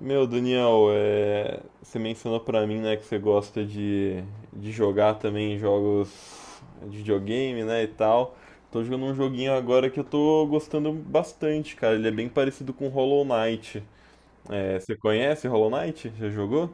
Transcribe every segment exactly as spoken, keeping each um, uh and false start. Meu, Daniel, é, você mencionou pra mim, né, que você gosta de, de jogar também jogos de videogame, né, e tal. Tô jogando um joguinho agora que eu tô gostando bastante, cara. Ele é bem parecido com Hollow Knight. É, você conhece Hollow Knight? Já jogou?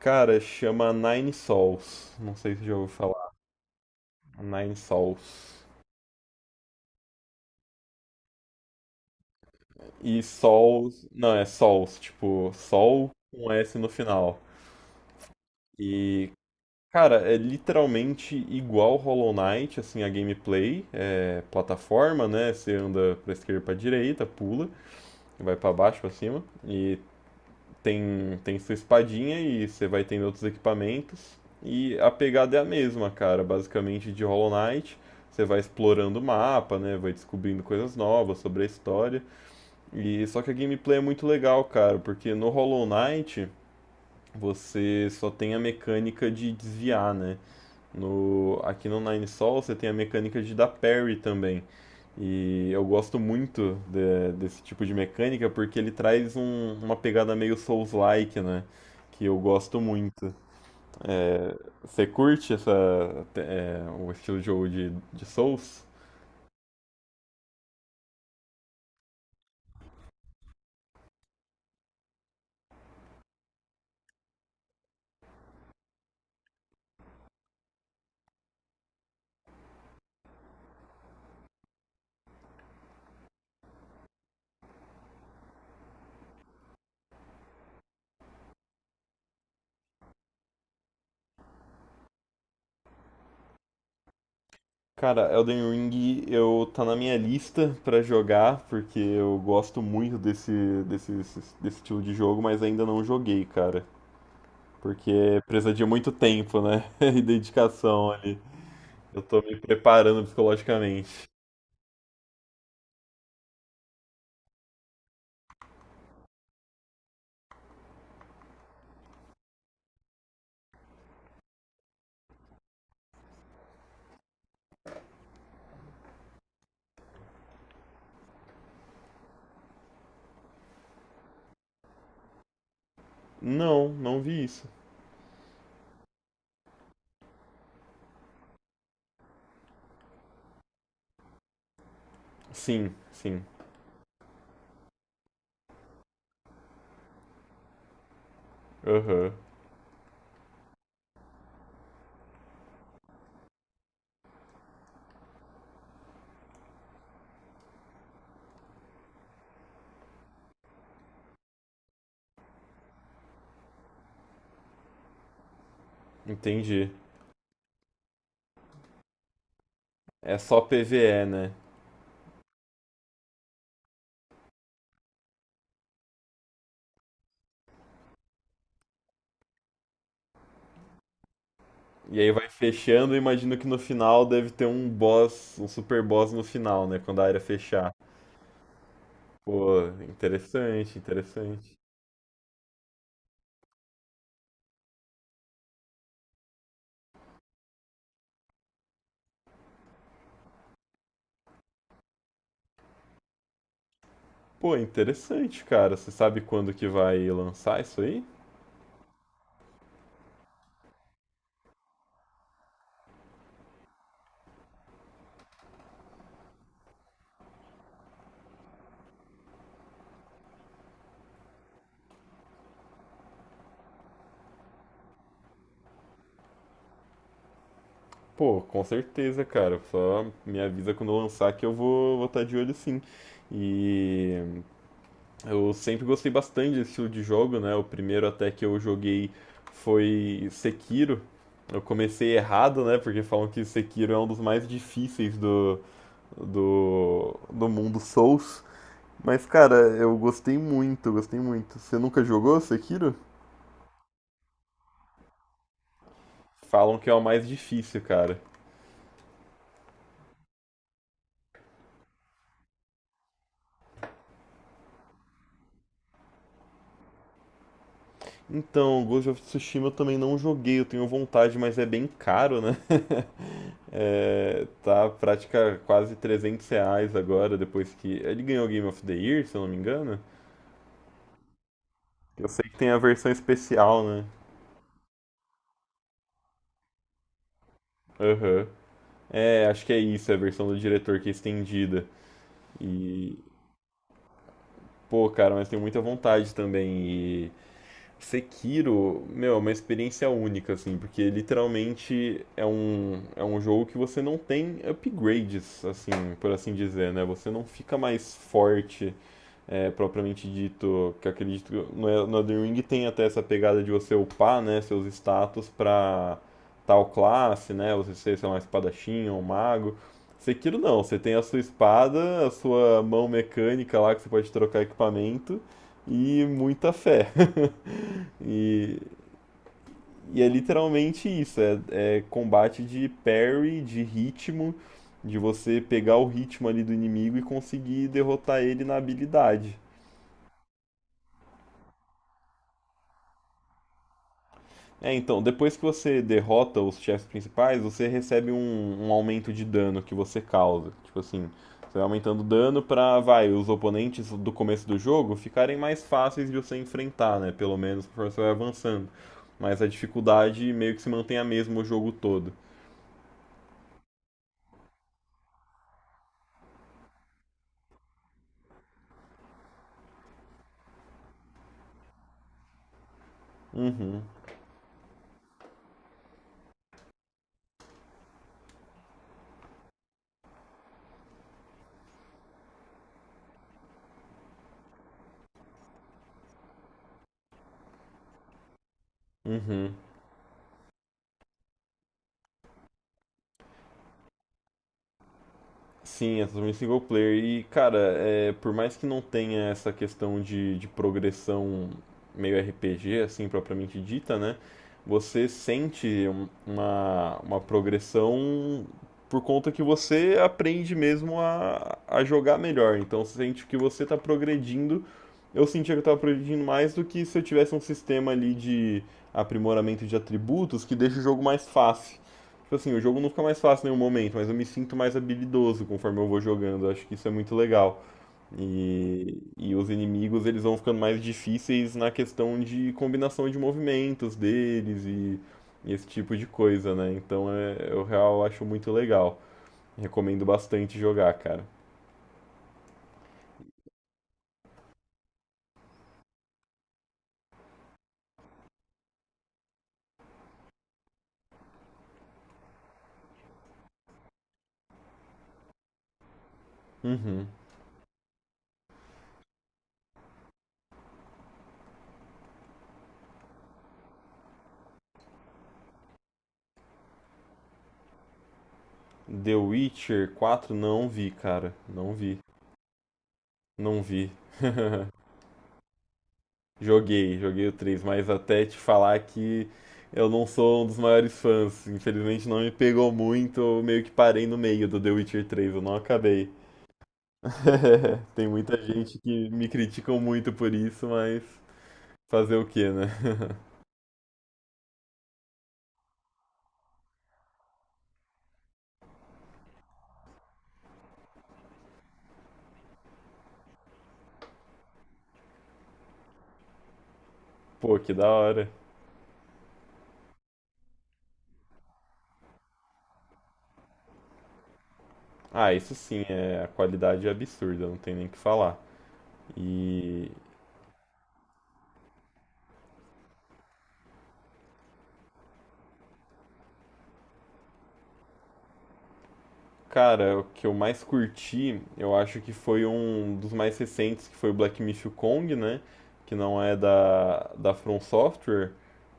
Cara, chama Nine Sols. Não sei se já ouviu falar. Nine Sols. E Sols. Não, é Sols, tipo, Sol com S no final. E, Cara, é literalmente igual Hollow Knight, assim, a gameplay, é plataforma, né? Você anda pra esquerda, e pra direita, pula, vai pra baixo, pra cima, e tem tem sua espadinha e você vai tendo outros equipamentos. E a pegada é a mesma, cara, basicamente de Hollow Knight. Você vai explorando o mapa, né? Vai descobrindo coisas novas sobre a história. E só que a gameplay é muito legal, cara, porque no Hollow Knight você só tem a mecânica de desviar, né? No, Aqui no Nine Sol você tem a mecânica de dar parry também. E eu gosto muito de- desse tipo de mecânica porque ele traz um- uma pegada meio Souls-like, né? Que eu gosto muito. É, Você curte essa, é, o estilo de jogo de, de Souls? Cara, Elden Ring eu tá na minha lista pra jogar porque eu gosto muito desse, desse, desse desse estilo de jogo, mas ainda não joguei, cara. Porque precisa de muito tempo, né? E dedicação ali. Eu tô me preparando psicologicamente. Não, não vi isso. Sim, sim. Aham. Entendi. É só PvE, né? E aí vai fechando, eu imagino que no final deve ter um boss, um super boss no final, né? Quando a área fechar. Pô, interessante, interessante. Pô, interessante, cara. Você sabe quando que vai lançar isso aí? Pô, com certeza, cara. Só me avisa quando eu lançar que eu vou vou estar de olho sim. E eu sempre gostei bastante desse estilo de jogo, né? O primeiro até que eu joguei foi Sekiro. Eu comecei errado, né? Porque falam que Sekiro é um dos mais difíceis do, do, do mundo Souls. Mas, cara, eu gostei muito, gostei muito. Você nunca jogou Sekiro? Falam que é o mais difícil, cara. Então, Ghost of Tsushima eu também não joguei, eu tenho vontade, mas é bem caro, né? É, tá prática quase trezentos reais agora, depois que. Ele ganhou o Game of the Year, se eu não me engano. Eu sei que tem a versão especial, né? Aham. É, acho que é isso, é a versão do diretor que é estendida. E, Pô, cara, mas tenho muita vontade também. Sekiro, meu, é uma experiência única, assim, porque literalmente é um, é um jogo que você não tem upgrades, assim, por assim dizer, né? Você não fica mais forte é, propriamente dito, que acredito que no, no Elden Ring tem até essa pegada de você upar, né, seus status pra tal classe, né, você ser, sei lá, um espadachim ou um mago. Sekiro não, você tem a sua espada, a sua mão mecânica lá que você pode trocar equipamento e muita fé. e, e é literalmente isso, é, é combate de parry, de ritmo, de você pegar o ritmo ali do inimigo e conseguir derrotar ele na habilidade. É, então, depois que você derrota os chefes principais, você recebe um, um aumento de dano que você causa. Tipo assim, você vai aumentando o dano pra, vai, os oponentes do começo do jogo ficarem mais fáceis de você enfrentar, né? Pelo menos conforme você vai avançando. Mas a dificuldade meio que se mantém a mesma o jogo todo. Uhum, uhum. Sim, é totalmente single player. E, cara, é, por mais que não tenha essa questão de, de progressão meio R P G, assim, propriamente dita, né? Você sente um- uma, uma progressão por conta que você aprende mesmo a, a jogar melhor. Então, você sente que você está progredindo. Eu sentia que eu estava progredindo mais do que se eu tivesse um sistema ali de aprimoramento de atributos que deixa o jogo mais fácil. Tipo assim, o jogo não fica mais fácil em nenhum momento, mas eu me sinto mais habilidoso conforme eu vou jogando. Eu acho que isso é muito legal. E, e os inimigos, eles vão ficando mais difíceis na questão de combinação de movimentos deles e, e esse tipo de coisa, né? Então, é, eu real acho muito legal. Recomendo bastante jogar, cara. Uhum. The Witcher quatro não vi, cara. Não vi. Não vi. Joguei, joguei o três, mas até te falar que eu não sou um dos maiores fãs. Infelizmente não me pegou muito, eu meio que parei no meio do The Witcher três, eu não acabei. Tem muita gente que me criticam muito por isso, mas fazer o quê, né? Pô, que da hora. Ah, isso sim, é, a qualidade é absurda, não tem nem o que falar. E Cara, o que eu mais curti, eu acho que foi um dos mais recentes, que foi o Black Myth Kong, né? Que não é da, da From Software,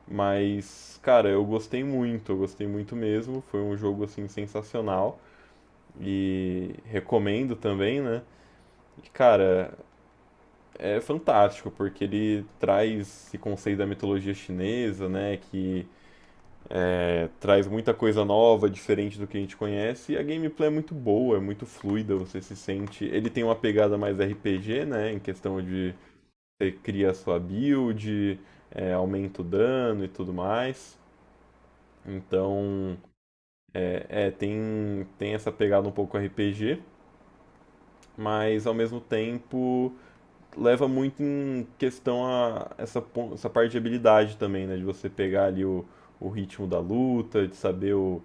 mas, cara, eu gostei muito, eu gostei muito mesmo. Foi um jogo, assim, sensacional e recomendo também, né? E, cara, é fantástico, porque ele traz esse conceito da mitologia chinesa, né? Que traz muita coisa nova, diferente do que a gente conhece, e a gameplay é muito boa, é muito fluida, você se sente. Ele tem uma pegada mais R P G, né? Em questão de você cria a sua build, é, aumenta o dano e tudo mais. Então, é, é, tem, tem essa pegada um pouco R P G, mas ao mesmo tempo leva muito em questão a essa, essa, parte de habilidade também, né? De você pegar ali o, o ritmo da luta, de saber o,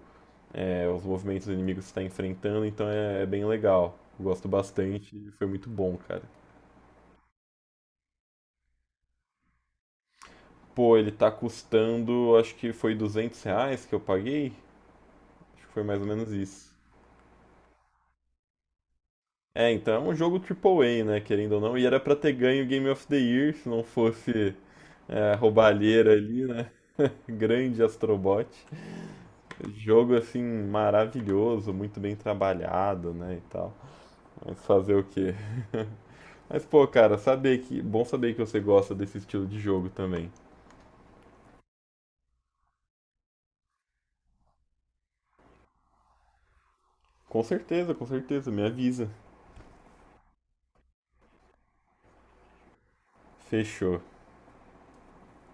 é, os movimentos inimigos que você tá enfrentando, então é, é bem legal. Eu gosto bastante e foi muito bom, cara. Pô, ele tá custando, acho que foi duzentos reais que eu paguei. Acho que foi mais ou menos isso. É, então é um jogo triple A, né, querendo ou não. E era pra ter ganho o Game of the Year, se não fosse é, a roubalheira ali, né? Grande Astrobot. Jogo, assim, maravilhoso, muito bem trabalhado, né, e tal. Mas fazer o quê? Mas, pô, cara, saber que. Bom saber que você gosta desse estilo de jogo também. Com certeza, com certeza, me avisa. Fechou.